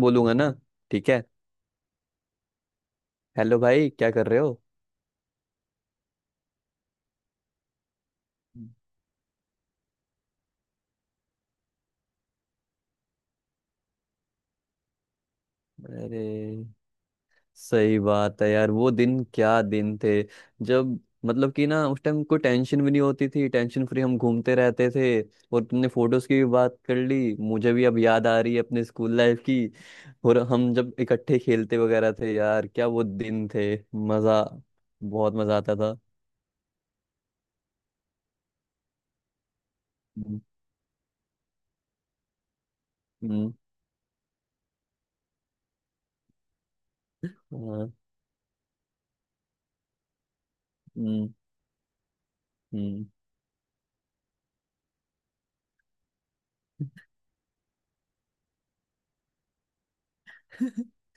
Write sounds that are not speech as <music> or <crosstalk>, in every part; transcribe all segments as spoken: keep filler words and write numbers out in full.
बोलूंगा ना। ठीक है। हेलो भाई, क्या कर रहे हो? हम्म। अरे सही बात है यार, वो दिन क्या दिन थे। जब मतलब कि ना, उस टाइम कोई टेंशन भी नहीं होती थी। टेंशन फ्री हम घूमते रहते थे। और तुमने फोटोज की भी बात कर ली, मुझे भी अब याद आ रही है अपने स्कूल लाइफ की। और हम जब इकट्ठे खेलते वगैरह थे यार, क्या वो दिन थे। मजा, बहुत मजा आता था। हम्म। हम्म। हाँ। हम्म। हम्म। <laughs>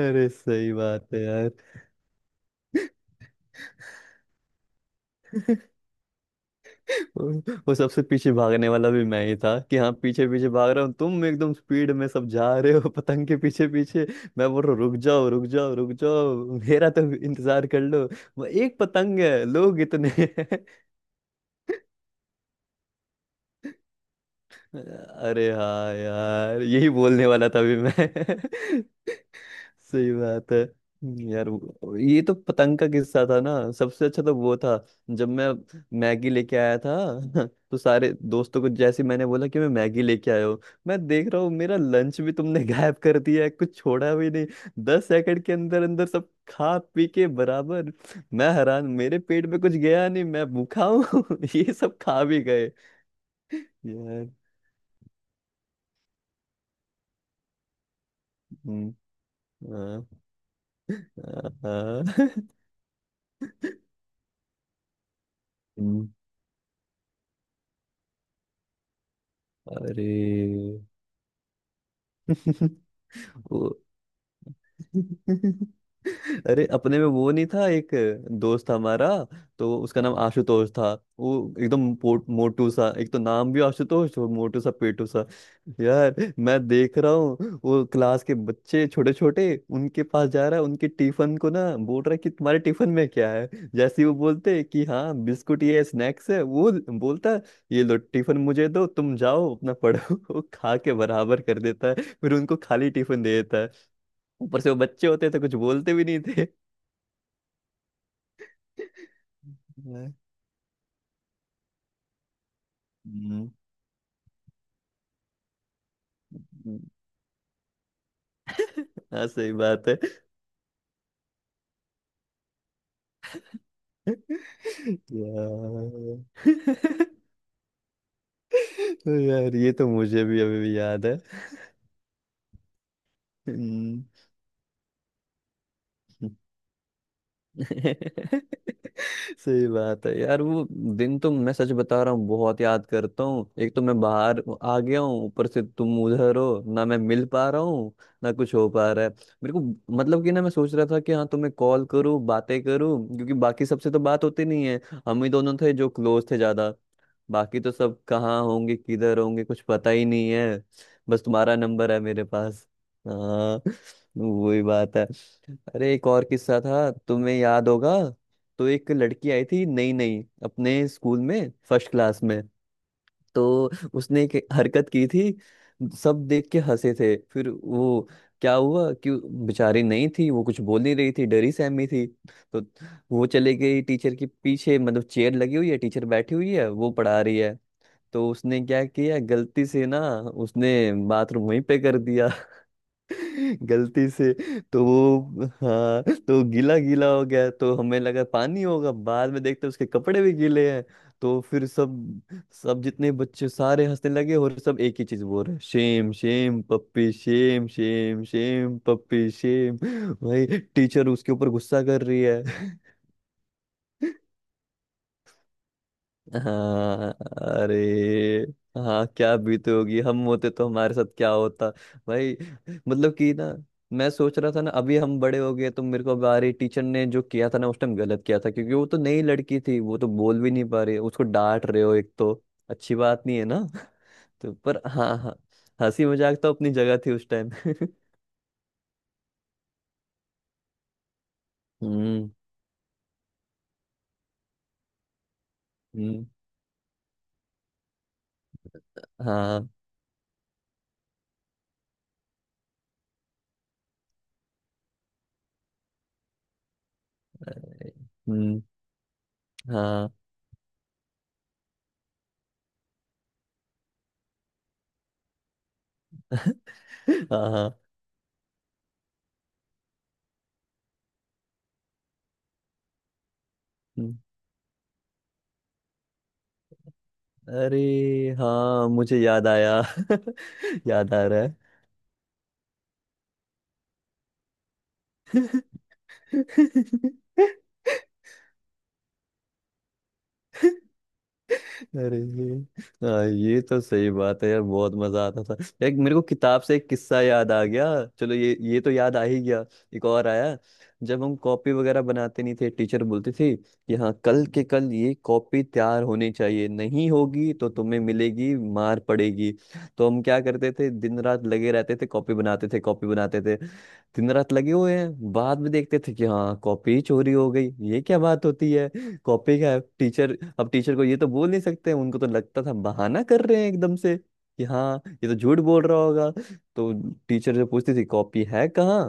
अरे सही बात है यार। वो सबसे पीछे भागने वाला भी मैं ही था। कि हाँ पीछे पीछे भाग रहा हूँ, तुम एकदम स्पीड में सब जा रहे हो पतंग के पीछे पीछे। मैं बोल रहा हूँ रुक जाओ रुक जाओ रुक जाओ, मेरा तो इंतजार कर लो। वो एक पतंग है, लोग इतने हैं। <laughs> अरे हाँ यार, यही बोलने वाला था अभी मैं। <laughs> सही बात है। हम्म, यार वो- ये तो पतंग का किस्सा था ना, सबसे अच्छा तो वो था जब मैं मैगी लेके आया था। <laughs> तो सारे दोस्तों को जैसे ही मैंने बोला कि मैं मैगी लेके आया हूँ, मैं देख रहा हूँ मेरा लंच भी तुमने <laughs> गायब कर दिया है, कुछ छोड़ा भी नहीं। दस सेकंड के अंदर अंदर सब खा पी के बराबर। मैं हैरान, मेरे पेट में कुछ गया नहीं, मैं भूखा हूँ, <laughs> ये सब खा भी गए। यार। हम्म। हाँ, हाँ, हाँ। <laughs> हम्म। अरे। <laughs> वो, अरे अपने में वो नहीं था? एक दोस्त था हमारा, तो उसका नाम आशुतोष था। वो एकदम पोट- मोटू सा। एक तो नाम भी आशुतोष, और मोटू सा पेटू सा। यार मैं देख रहा हूँ वो क्लास के बच्चे छोटे छोटे, उनके पास जा रहा है, उनके टिफिन को ना बोल रहा है कि तुम्हारे टिफिन में क्या है। जैसे ही वो बोलते हैं कि हाँ बिस्कुट ये स्नैक्स है, वो बोलता है ये लो टिफिन मुझे दो, तुम जाओ अपना पढ़ो। <laughs> वो खा के बराबर कर देता है, फिर उनको खाली टिफिन दे देता। ऊपर से वो बच्चे होते तो कुछ बोलते भी नहीं थे। हाँ। हम्म। हाँ सही बात है। <laughs> यार। <laughs> यार ये तो मुझे भी अभी भी याद है। हम्म। <laughs> सही बात है यार। वो दिन तो मैं सच बता रहा हूँ, बहुत याद करता हूँ। एक तो मैं बाहर आ गया हूँ, ऊपर से तुम उधर हो, ना मैं मिल पा रहा हूँ ना कुछ हो पा रहा है। मेरे को मतलब कि ना, मैं सोच रहा था कि हाँ तुम्हें कॉल करूँ बातें करूँ, क्योंकि बाकी सबसे तो बात होती नहीं है। हम ही दोनों थे जो क्लोज थे ज्यादा। बाकी तो सब कहाँ होंगे किधर होंगे कुछ पता ही नहीं है। बस तुम्हारा नंबर है मेरे पास। हाँ। <laughs> वही बात है। अरे एक और किस्सा था, तुम्हें याद होगा। तो एक लड़की आई थी नई नई अपने स्कूल में, फर्स्ट क्लास में। तो उसने एक हरकत की थी, सब देख के हंसे थे। फिर वो, क्या हुआ कि वो बेचारी नहीं थी, वो कुछ बोल नहीं रही थी, डरी सहमी थी। तो वो चले गई टीचर के पीछे। मतलब चेयर लगी हुई है, टीचर बैठी हुई है, वो पढ़ा रही है। तो उसने क्या किया गलती से ना, उसने बाथरूम वहीं पे कर दिया, गलती से। तो वो, हाँ तो गीला गीला हो गया, तो हमें लगा पानी होगा, बाद में देखते उसके कपड़े भी गीले हैं। तो फिर सब, सब जितने बच्चे सारे हंसने लगे, और सब एक ही चीज बोल रहे shame shame puppy shame shame shame puppy shame भाई। टीचर उसके ऊपर गुस्सा कर रही है। <laughs> हाँ। अरे हाँ, क्या बीते होगी, हम होते तो हमारे साथ क्या होता। भाई मतलब कि ना, मैं सोच रहा था ना, अभी हम बड़े हो गए तो मेरे को बारी टीचर ने जो किया था ना उस टाइम, गलत किया था। क्योंकि वो तो नई लड़की थी, वो तो बोल भी नहीं पा रही, उसको डांट रहे हो, एक तो अच्छी बात नहीं है ना। <laughs> तो पर हाँ हाँ, हंसी मजाक तो अपनी जगह थी उस टाइम। <laughs> हम्म। हम्म। हाँ। हम्म। हाँ। <laughs> हाँ। हाँ। हम्म। अरे हाँ मुझे याद आया। <laughs> याद आ रहा है। <laughs> अरे हाँ ये तो सही बात है यार, बहुत मजा आता था। एक, मेरे को किताब से एक किस्सा याद आ गया। चलो ये ये तो याद आ ही गया। एक और आया। जब हम कॉपी वगैरह बनाते नहीं थे, टीचर बोलती थी कि हाँ कल के कल ये कॉपी तैयार होनी चाहिए, नहीं होगी तो तुम्हें मिलेगी, मार पड़ेगी। तो हम क्या करते थे, दिन रात लगे रहते थे, कॉपी बनाते थे कॉपी बनाते थे, दिन रात लगे हुए हैं। बाद में देखते थे कि हाँ कॉपी चोरी हो गई। ये क्या बात होती है कॉपी का है। टीचर, अब टीचर को ये तो बोल नहीं सकते, उनको तो लगता था बहाना कर रहे हैं एकदम से, कि हाँ ये तो झूठ बोल रहा होगा। तो टीचर जो पूछती थी कॉपी है कहाँ,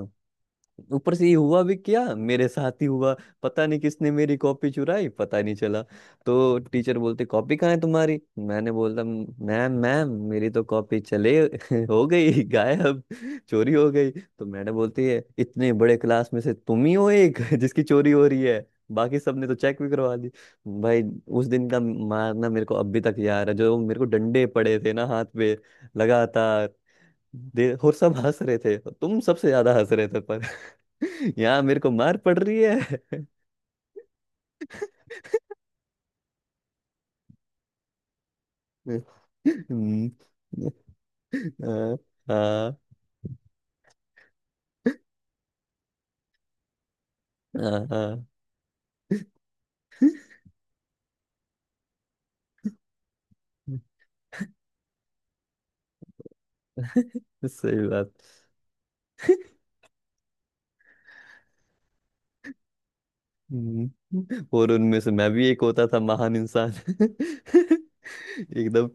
ऊपर से ये हुआ भी क्या, मेरे साथ ही हुआ। पता नहीं किसने मेरी कॉपी चुराई, पता नहीं चला। तो टीचर बोलते कॉपी कहाँ है तुम्हारी, मैंने बोलता मैम मैम मेरी तो कॉपी चले <laughs> हो गई गायब, चोरी हो गई। तो मैडम बोलती है इतने बड़े क्लास में से तुम ही हो एक <laughs> जिसकी चोरी हो रही है, बाकी सबने तो चेक भी करवा दी। भाई, उस दिन का मारना मेरे को अभी तक याद है, जो मेरे को डंडे पड़े थे ना हाथ पे लगातार, दे। और सब हंस रहे थे, तुम सबसे ज्यादा हंस रहे थे। <laughs> यहाँ मेरे को मार पड़ रही है। <laughs> हम्म, हाँ हाँ। हाँ, हाँ। <laughs> सही बात। हम्म, और उनमें से मैं भी एक होता था, महान इंसान। <laughs> एकदम,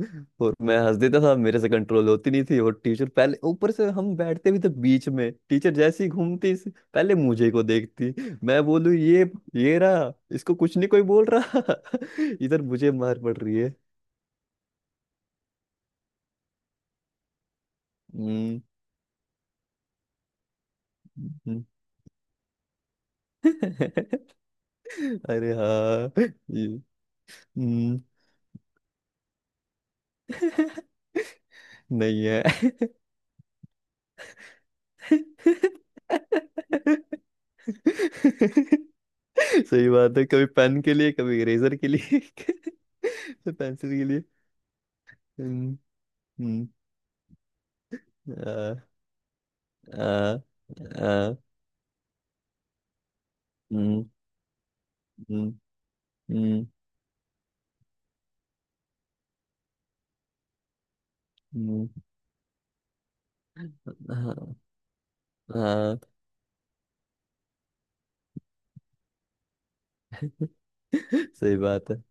और मैं हंस देता था, मेरे से कंट्रोल होती नहीं थी। और टीचर पहले, ऊपर से हम बैठते भी थे बीच में, टीचर जैसे ही घूमती से- पहले मुझे को देखती। मैं बोलूं ये ये रहा, इसको कुछ नहीं कोई बोल रहा। <laughs> इधर मुझे मार पड़ रही है। हम्म। <laughs> अरे हाँ। ये, हम्म। <laughs> नहीं है। <laughs> सही बात है, कभी पेन के लिए कभी इरेजर के लिए। <laughs> तो पेंसिल के लिए। हम्म, हम्म, आ, आ, आ, हम्म, हम्म, हम्म, हम्म, हाँ। हाँ। <laughs> सही बात है।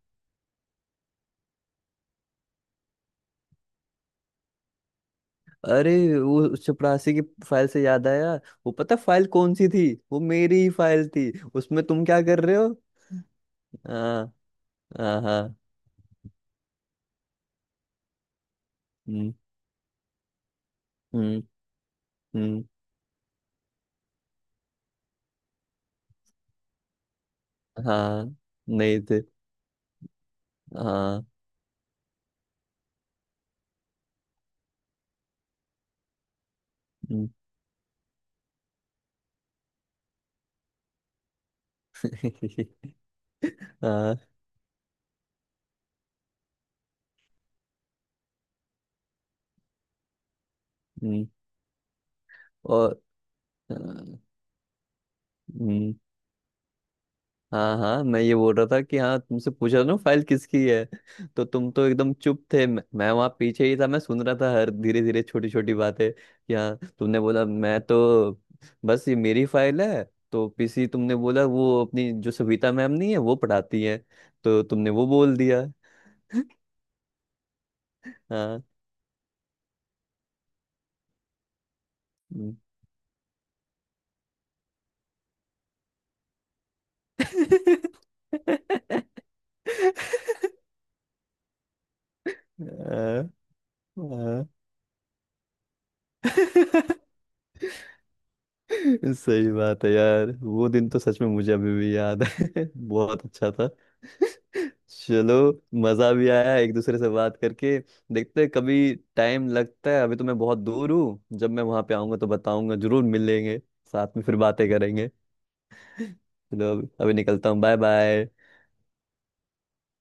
अरे वो चपरासी की, फाइल से याद आया, वो पता फाइल कौन सी थी? वो मेरी ही फाइल थी, उसमें तुम क्या कर रहे हो? हाँ। हाँ। हाँ। हम्म। हम्म। हम्म। हाँ नहीं थे। हाँ। हम्म। <laughs> हाँ। हम्म। और। हाँ। हम्म। हाँ हाँ, मैं ये बोल रहा था कि हाँ, तुमसे पूछा ना फाइल किसकी है, तो तुम तो एकदम चुप थे। मैं, मैं वहाँ पीछे ही था, मैं सुन रहा था हर धीरे धीरे छोटी छोटी बातें, कि हाँ तुमने बोला मैं तो बस ये मेरी फाइल है। तो पीसी तुमने बोला वो अपनी जो सविता मैम नहीं है वो पढ़ाती है, तो तुमने वो बोल दिया। हाँ। हम्म। <laughs> हाँ, हाँ। <laughs> सही बात है यार, वो दिन तो सच में मुझे अभी भी याद है, <laughs> बहुत अच्छा था। <laughs> चलो, मजा भी आया एक दूसरे से बात करके। देखते हैं कभी, टाइम लगता है, अभी तो मैं बहुत दूर हूँ। जब मैं वहां पे आऊंगा तो बताऊंगा, जरूर मिलेंगे, साथ में फिर बातें करेंगे। <laughs> चलो, अभी अभी निकलता हूँ। Bye bye.